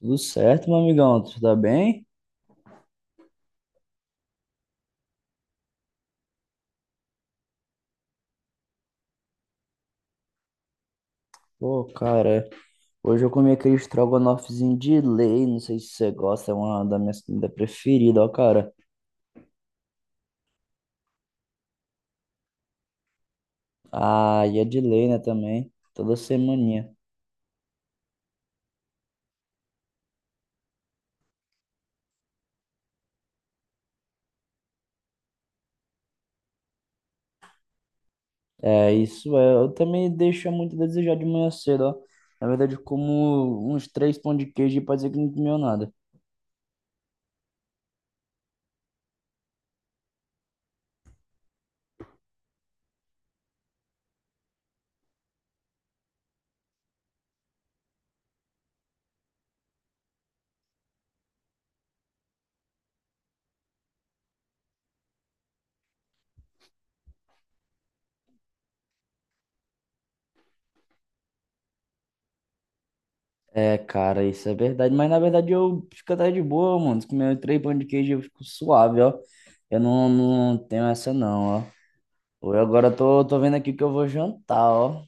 Tudo certo, meu amigão? Tudo tá bem? Pô, cara, hoje eu comi aquele estrogonofezinho de lei, não sei se você gosta, é uma da minha comida preferida, ó, cara. Ah, e é de lei, né, também, toda semaninha. É, isso é, eu também deixo muito a desejar de manhã cedo, ó. Na verdade, eu como uns três pão de queijo e pode dizer que não comeu nada. É, cara, isso é verdade, mas na verdade eu fico até de boa, mano, se comer três pão de queijo eu fico suave, ó. Eu não tenho essa não, ó. Pô, eu agora tô vendo aqui o que eu vou jantar, ó.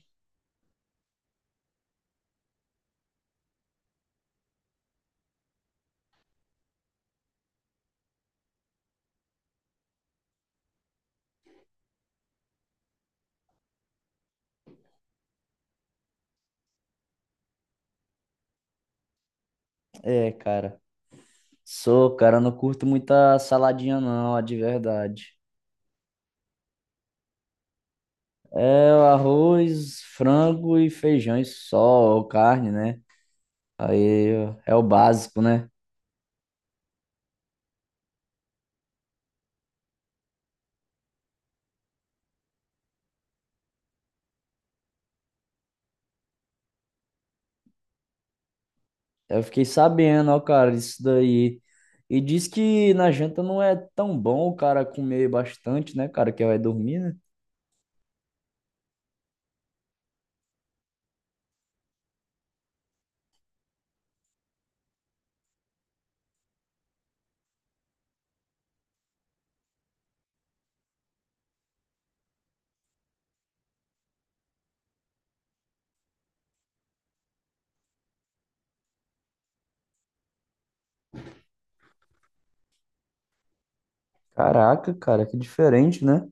É, cara. Sou, cara, não curto muita saladinha, não, ó, de verdade. É o arroz, frango e feijão e só, ou carne, né? Aí ó, é o básico, né? Eu fiquei sabendo, ó, cara, isso daí. E diz que na janta não é tão bom o cara comer bastante, né, cara, que vai dormir, né? Caraca, cara, que diferente, né?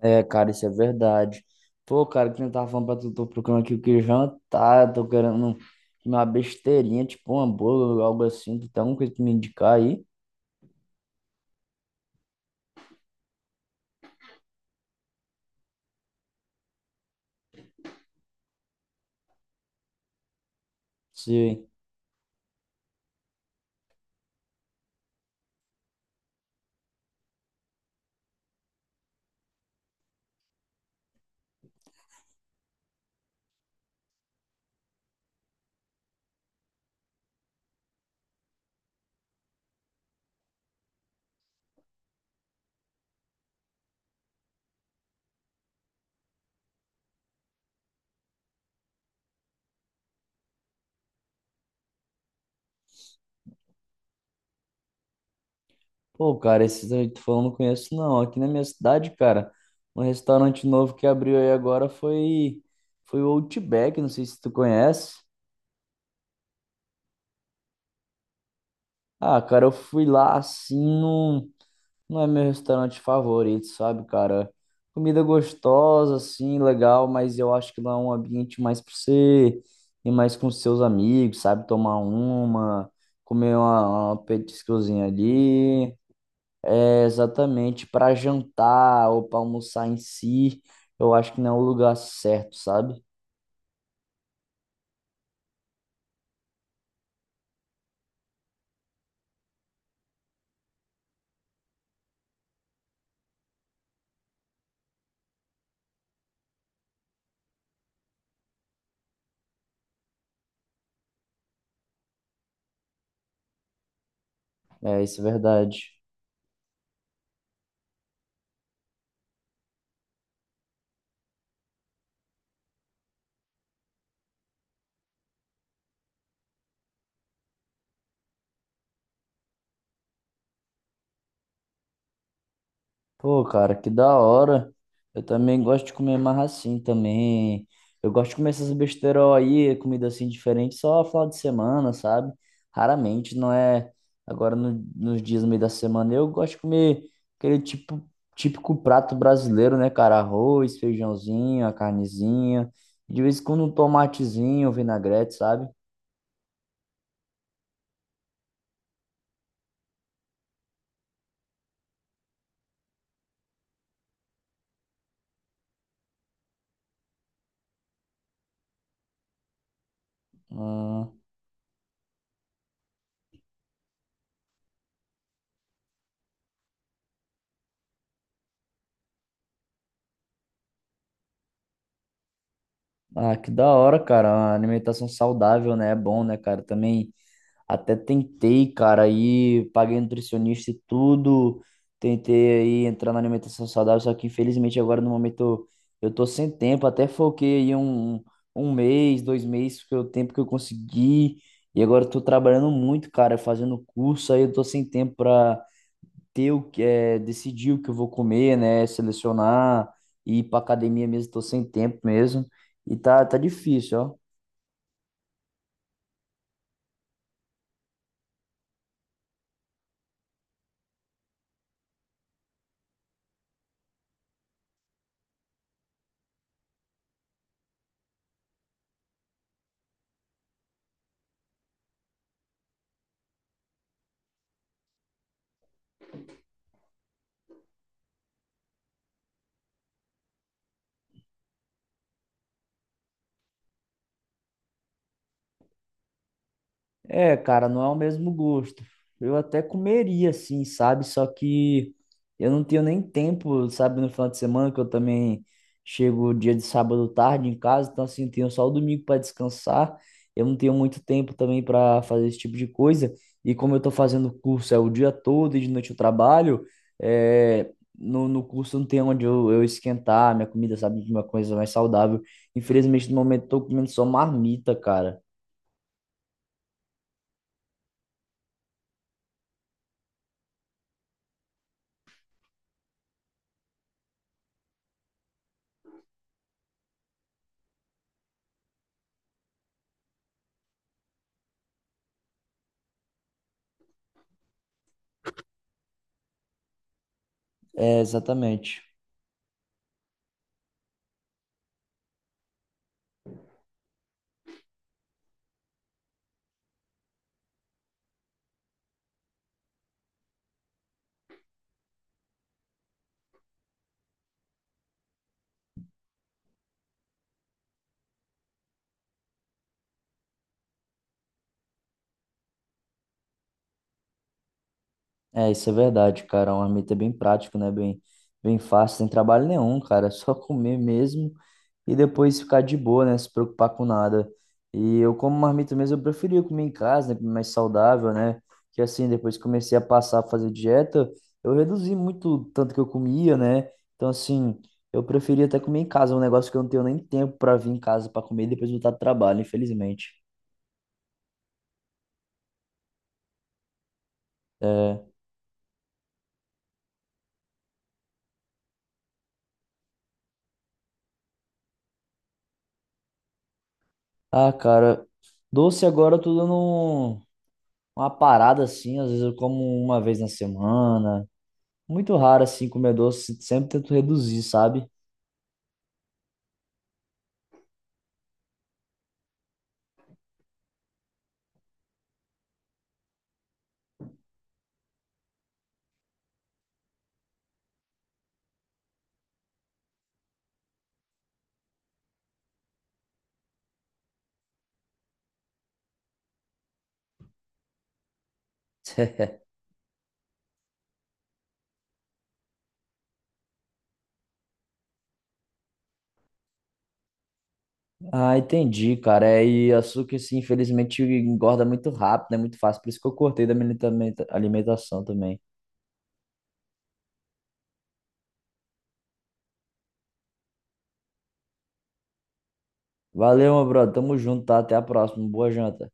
É, cara, isso é verdade. Pô, cara, que eu tava falando pra tu, tô procurando aqui o que jantar, tô querendo uma besteirinha, tipo um hambúrguer, algo assim. Tu tem alguma coisa pra me indicar aí? Se... Pô, cara, esses aí que tu falou eu não conheço, não. Aqui na minha cidade, cara, um restaurante novo que abriu aí agora foi o Outback, não sei se tu conhece. Ah, cara, eu fui lá assim num. Não é meu restaurante favorito, sabe, cara? Comida gostosa, assim, legal, mas eu acho que lá é um ambiente mais pra você ir mais com seus amigos, sabe? Tomar uma, comer uma, petiscozinha ali. É exatamente para jantar ou para almoçar em si. Eu acho que não é o lugar certo, sabe? É, isso é verdade. Pô, cara, que da hora. Eu também gosto de comer mais assim também. Eu gosto de comer essas besteiras aí, comida assim diferente, só final de semana, sabe? Raramente, não é agora nos dias no meio da semana. Eu gosto de comer aquele tipo, típico prato brasileiro, né, cara? Arroz, feijãozinho, a carnezinha. De vez em quando um tomatezinho, um vinagrete, sabe? Ah, ah, que da hora, cara. Uma alimentação saudável, né? É bom, né, cara? Também. Até tentei, cara, aí paguei nutricionista e tudo, tentei aí entrar na alimentação saudável, só que infelizmente agora no momento eu tô sem tempo, até foquei aí um mês, dois meses, que é o tempo que eu consegui, e agora eu tô trabalhando muito, cara, fazendo curso, aí eu tô sem tempo pra ter o que é, decidir o que eu vou comer, né, selecionar, ir pra academia mesmo, tô sem tempo mesmo, e tá difícil, ó. É, cara, não é o mesmo gosto. Eu até comeria, assim, sabe? Só que eu não tenho nem tempo, sabe, no final de semana, que eu também chego dia de sábado tarde em casa, então, assim, tenho só o domingo para descansar. Eu não tenho muito tempo também para fazer esse tipo de coisa. E como eu tô fazendo curso é o dia todo e de noite eu trabalho, é, no curso não tem onde eu esquentar minha comida, sabe? Uma coisa mais saudável. Infelizmente, no momento, eu tô comendo só marmita, cara. É, exatamente. É, isso é verdade, cara. Um marmita é bem prático, né? Bem fácil, sem trabalho nenhum, cara. É só comer mesmo e depois ficar de boa, né? Se preocupar com nada. E eu, como marmita mesmo, eu preferia comer em casa, né? Mais saudável, né? Que assim, depois que comecei a passar a fazer dieta, eu reduzi muito o tanto que eu comia, né? Então, assim, eu preferia até comer em casa. É um negócio que eu não tenho nem tempo para vir em casa para comer e depois voltar do trabalho, infelizmente. É. Ah, cara, doce agora eu tô dando. Uma parada assim, às vezes eu como uma vez na semana. Muito raro assim comer doce, sempre tento reduzir, sabe? Ah, entendi, cara. É, e açúcar, assim, infelizmente engorda muito rápido, é muito fácil. Por isso que eu cortei da minha alimentação também. Valeu, meu brother. Tamo junto, tá? Até a próxima. Boa janta.